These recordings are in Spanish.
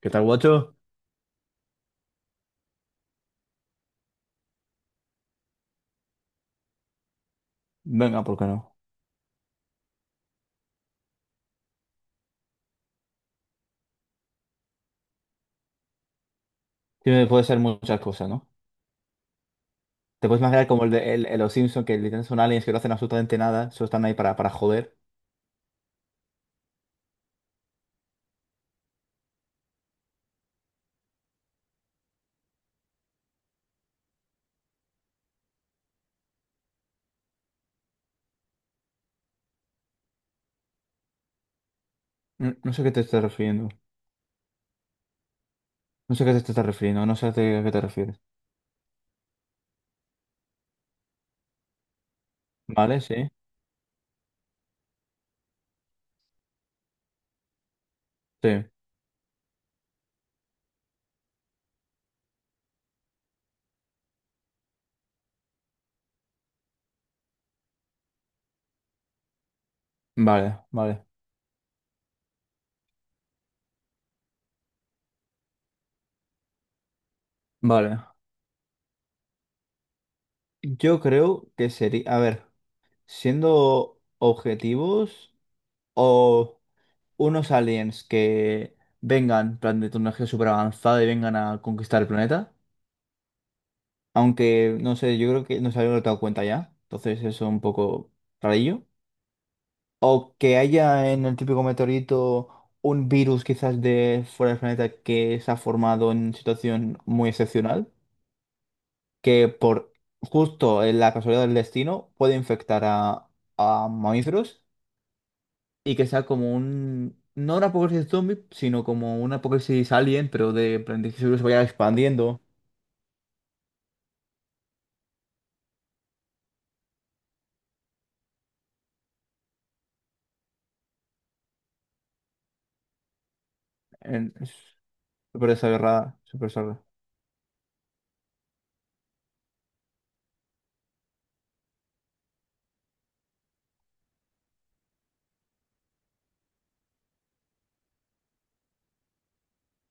¿Qué tal, guacho? Venga, ¿por qué no? Tiene, puede ser muchas cosas, ¿no? Te puedes imaginar como el de el los Simpsons, que literalmente son aliens que no hacen absolutamente nada, solo están ahí para joder. No, no sé a qué te estás refiriendo. No sé a qué te estás refiriendo, no sé a qué te refieres. ¿Vale? Sí. Sí. Vale, vale, vale. Yo creo que sería, a ver, siendo objetivos o unos aliens que vengan, en plan de tecnología súper avanzada y vengan a conquistar el planeta. Aunque, no sé, yo creo que no se había dado cuenta ya. Entonces eso es un poco rarillo. O que haya en el típico meteorito un virus quizás de fuera del planeta que se ha formado en situación muy excepcional. Que por justo en la casualidad del destino puede infectar a mamíferos. Y que sea como un No un apocalipsis zombie, sino como un apocalipsis alien, pero de, en plan de que ese virus se vaya expandiendo. Es súper desagradable, súper desagradable.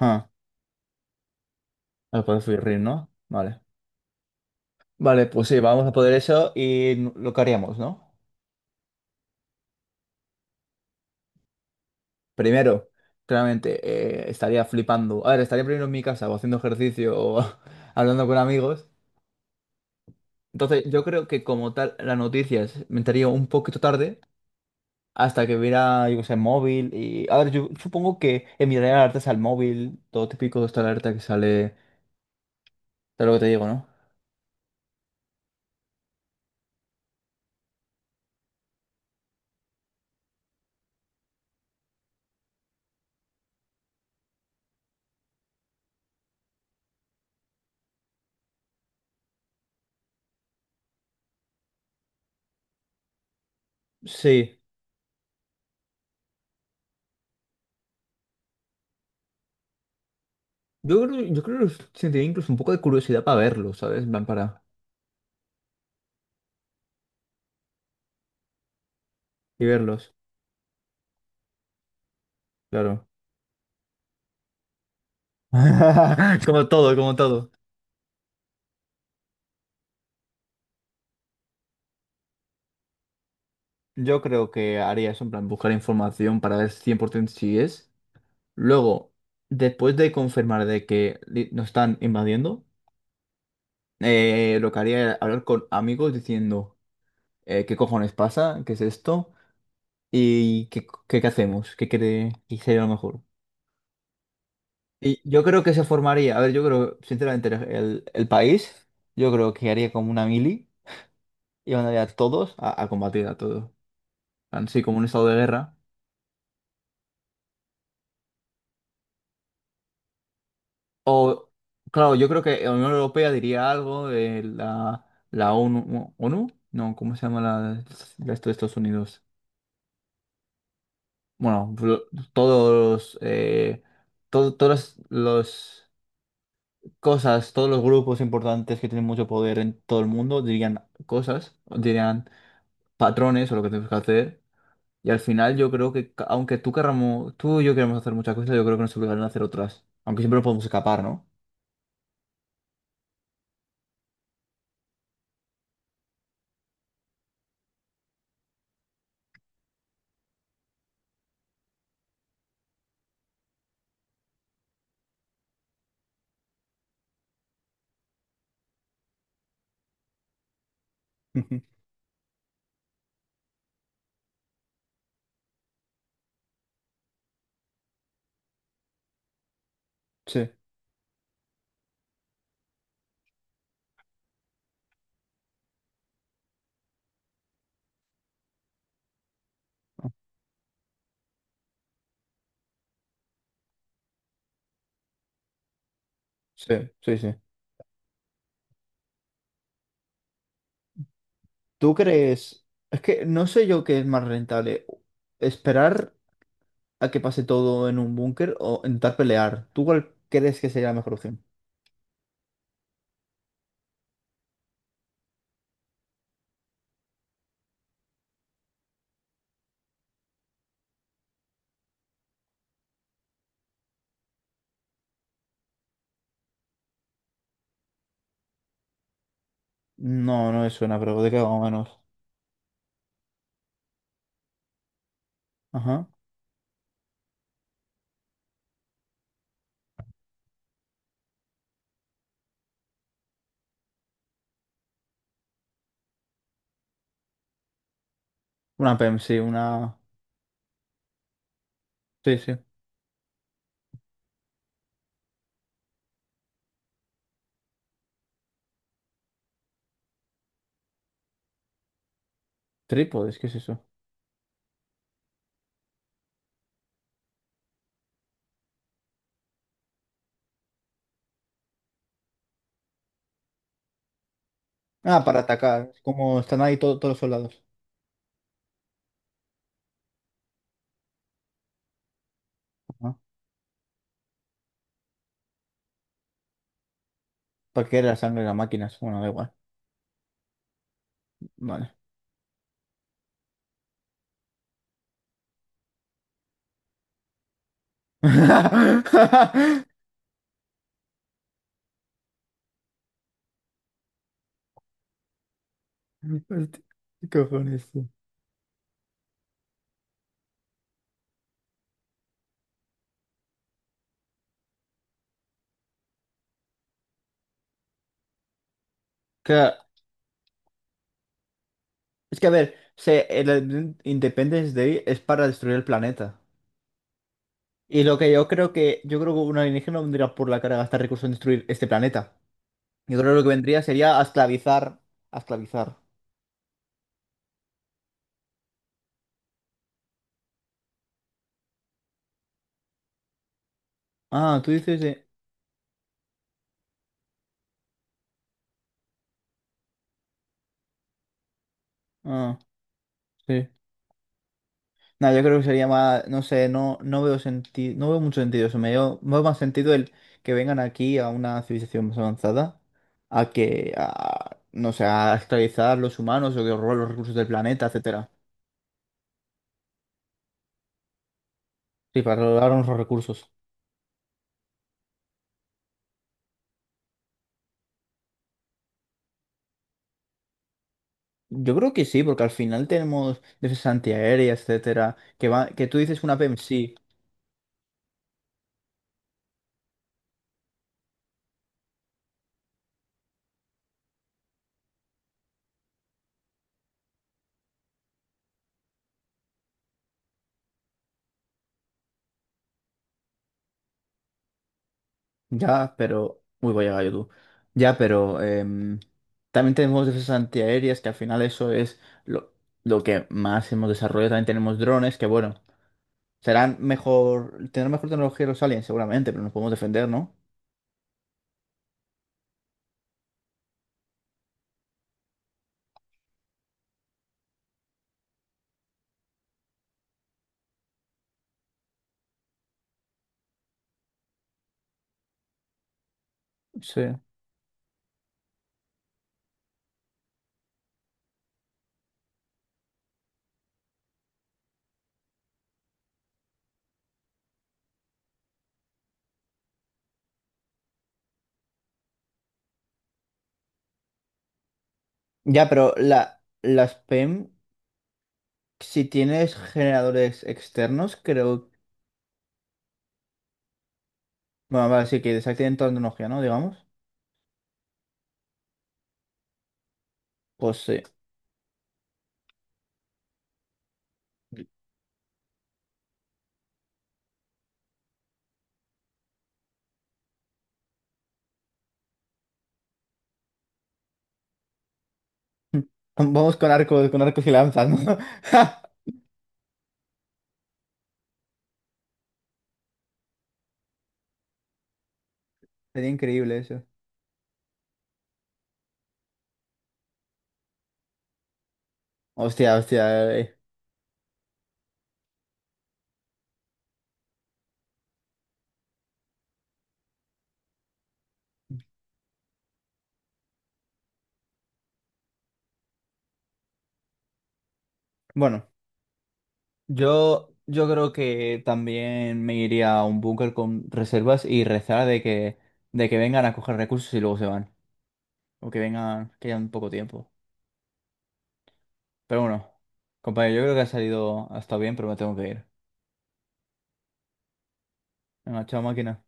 Ah. Ah, podemos subir, ¿no? Vale. Vale, pues sí, vamos a poder eso y n- lo que haríamos, ¿no? Primero, claramente, estaría flipando. A ver, estaría primero en mi casa o haciendo ejercicio o hablando con amigos. Entonces, yo creo que como tal, las noticias me entraría un poquito tarde hasta que viera, yo qué sé, móvil y A ver, yo supongo que enviaría alertas al móvil, todo típico de esta alerta que sale de lo que te digo, ¿no? Sí. Yo creo que sentiría incluso un poco de curiosidad para verlos, ¿sabes? En plan, para Y verlos. Claro. Como todo, como todo. Yo creo que haría eso, en plan, buscar información para ver 100% si es. Luego, después de confirmar de que li- nos están invadiendo, lo que haría era hablar con amigos diciendo qué cojones pasa, qué es esto y qué hacemos, qué cree que sería lo mejor. Y yo creo que se formaría, a ver, yo creo, sinceramente, el país, yo creo que haría como una mili y mandaría a todos a combatir a todos. Así como un estado de guerra. O, claro, yo creo que la Unión Europea diría algo, la ONU, ¿ONU? No, ¿cómo se llama la esto de Estados Unidos? Bueno, blo- todos, to- todas las cosas, todos los grupos importantes que tienen mucho poder en todo el mundo dirían cosas, dirían patrones o lo que tenemos que hacer. Y al final yo creo que, ca- aunque tú querramos, tú y yo queremos hacer muchas cosas, yo creo que nos obligarán a hacer otras. Aunque siempre nos podemos escapar, ¿no? Ujú. Sí, sí, sí, sí. ¿Tú crees? Es que no sé yo qué es más rentable. ¿Esperar a que pase todo en un búnker o intentar pelear? ¿Tú cuál crees que sería la mejor opción? No, no me suena, pero de qué hago menos. Ajá. Una PEM, sí, una. Sí, sí. Trípodes, ¿qué es eso? Ah, para atacar. Es como están ahí todos los soldados. Ajá. ¿Para qué era la sangre de las máquinas? Bueno, da igual. Vale. Hostia, ¿qué cojones, tío? Que es que, a ver, se, el Independence Day es para destruir el planeta. Y lo que yo creo que, yo creo que un alienígena no vendría por la cara a gastar recursos en destruir este planeta. Yo creo que lo que vendría sería a esclavizar, a esclavizar. Ah, tú dices de Ah, sí. No, yo creo que sería más, no sé, no, no veo sentido, no veo mucho sentido eso. Me veo más sentido el que vengan aquí a una civilización más avanzada, a que, a, no sé, a esclavizar los humanos o que robar los recursos del planeta, etcétera. Sí, para robar los recursos. Yo creo que sí, porque al final tenemos defensa antiaérea, etcétera, que va, que tú dices una PEM, sí, ya, pero Uy, voy a gallo tú. Ya, pero también tenemos defensas antiaéreas, que al final eso es lo que más hemos desarrollado. También tenemos drones, que bueno, serán mejor, tendrán mejor tecnología los aliens, seguramente, pero nos podemos defender, ¿no? Sí. Ya, pero las PEM, si tienes generadores externos, creo Bueno, vale, sí, que desactiven toda la tecnología, ¿no? Digamos. Pues sí. Vamos con arcos y lanzas, ¿no? Sería increíble eso. Hostia, hostia. Bueno, yo creo que también me iría a un búnker con reservas y rezar de que vengan a coger recursos y luego se van. O que vengan, que hayan poco tiempo. Pero bueno, compañero, yo creo que ha salido, ha estado bien, pero me tengo que ir. Venga, chao máquina.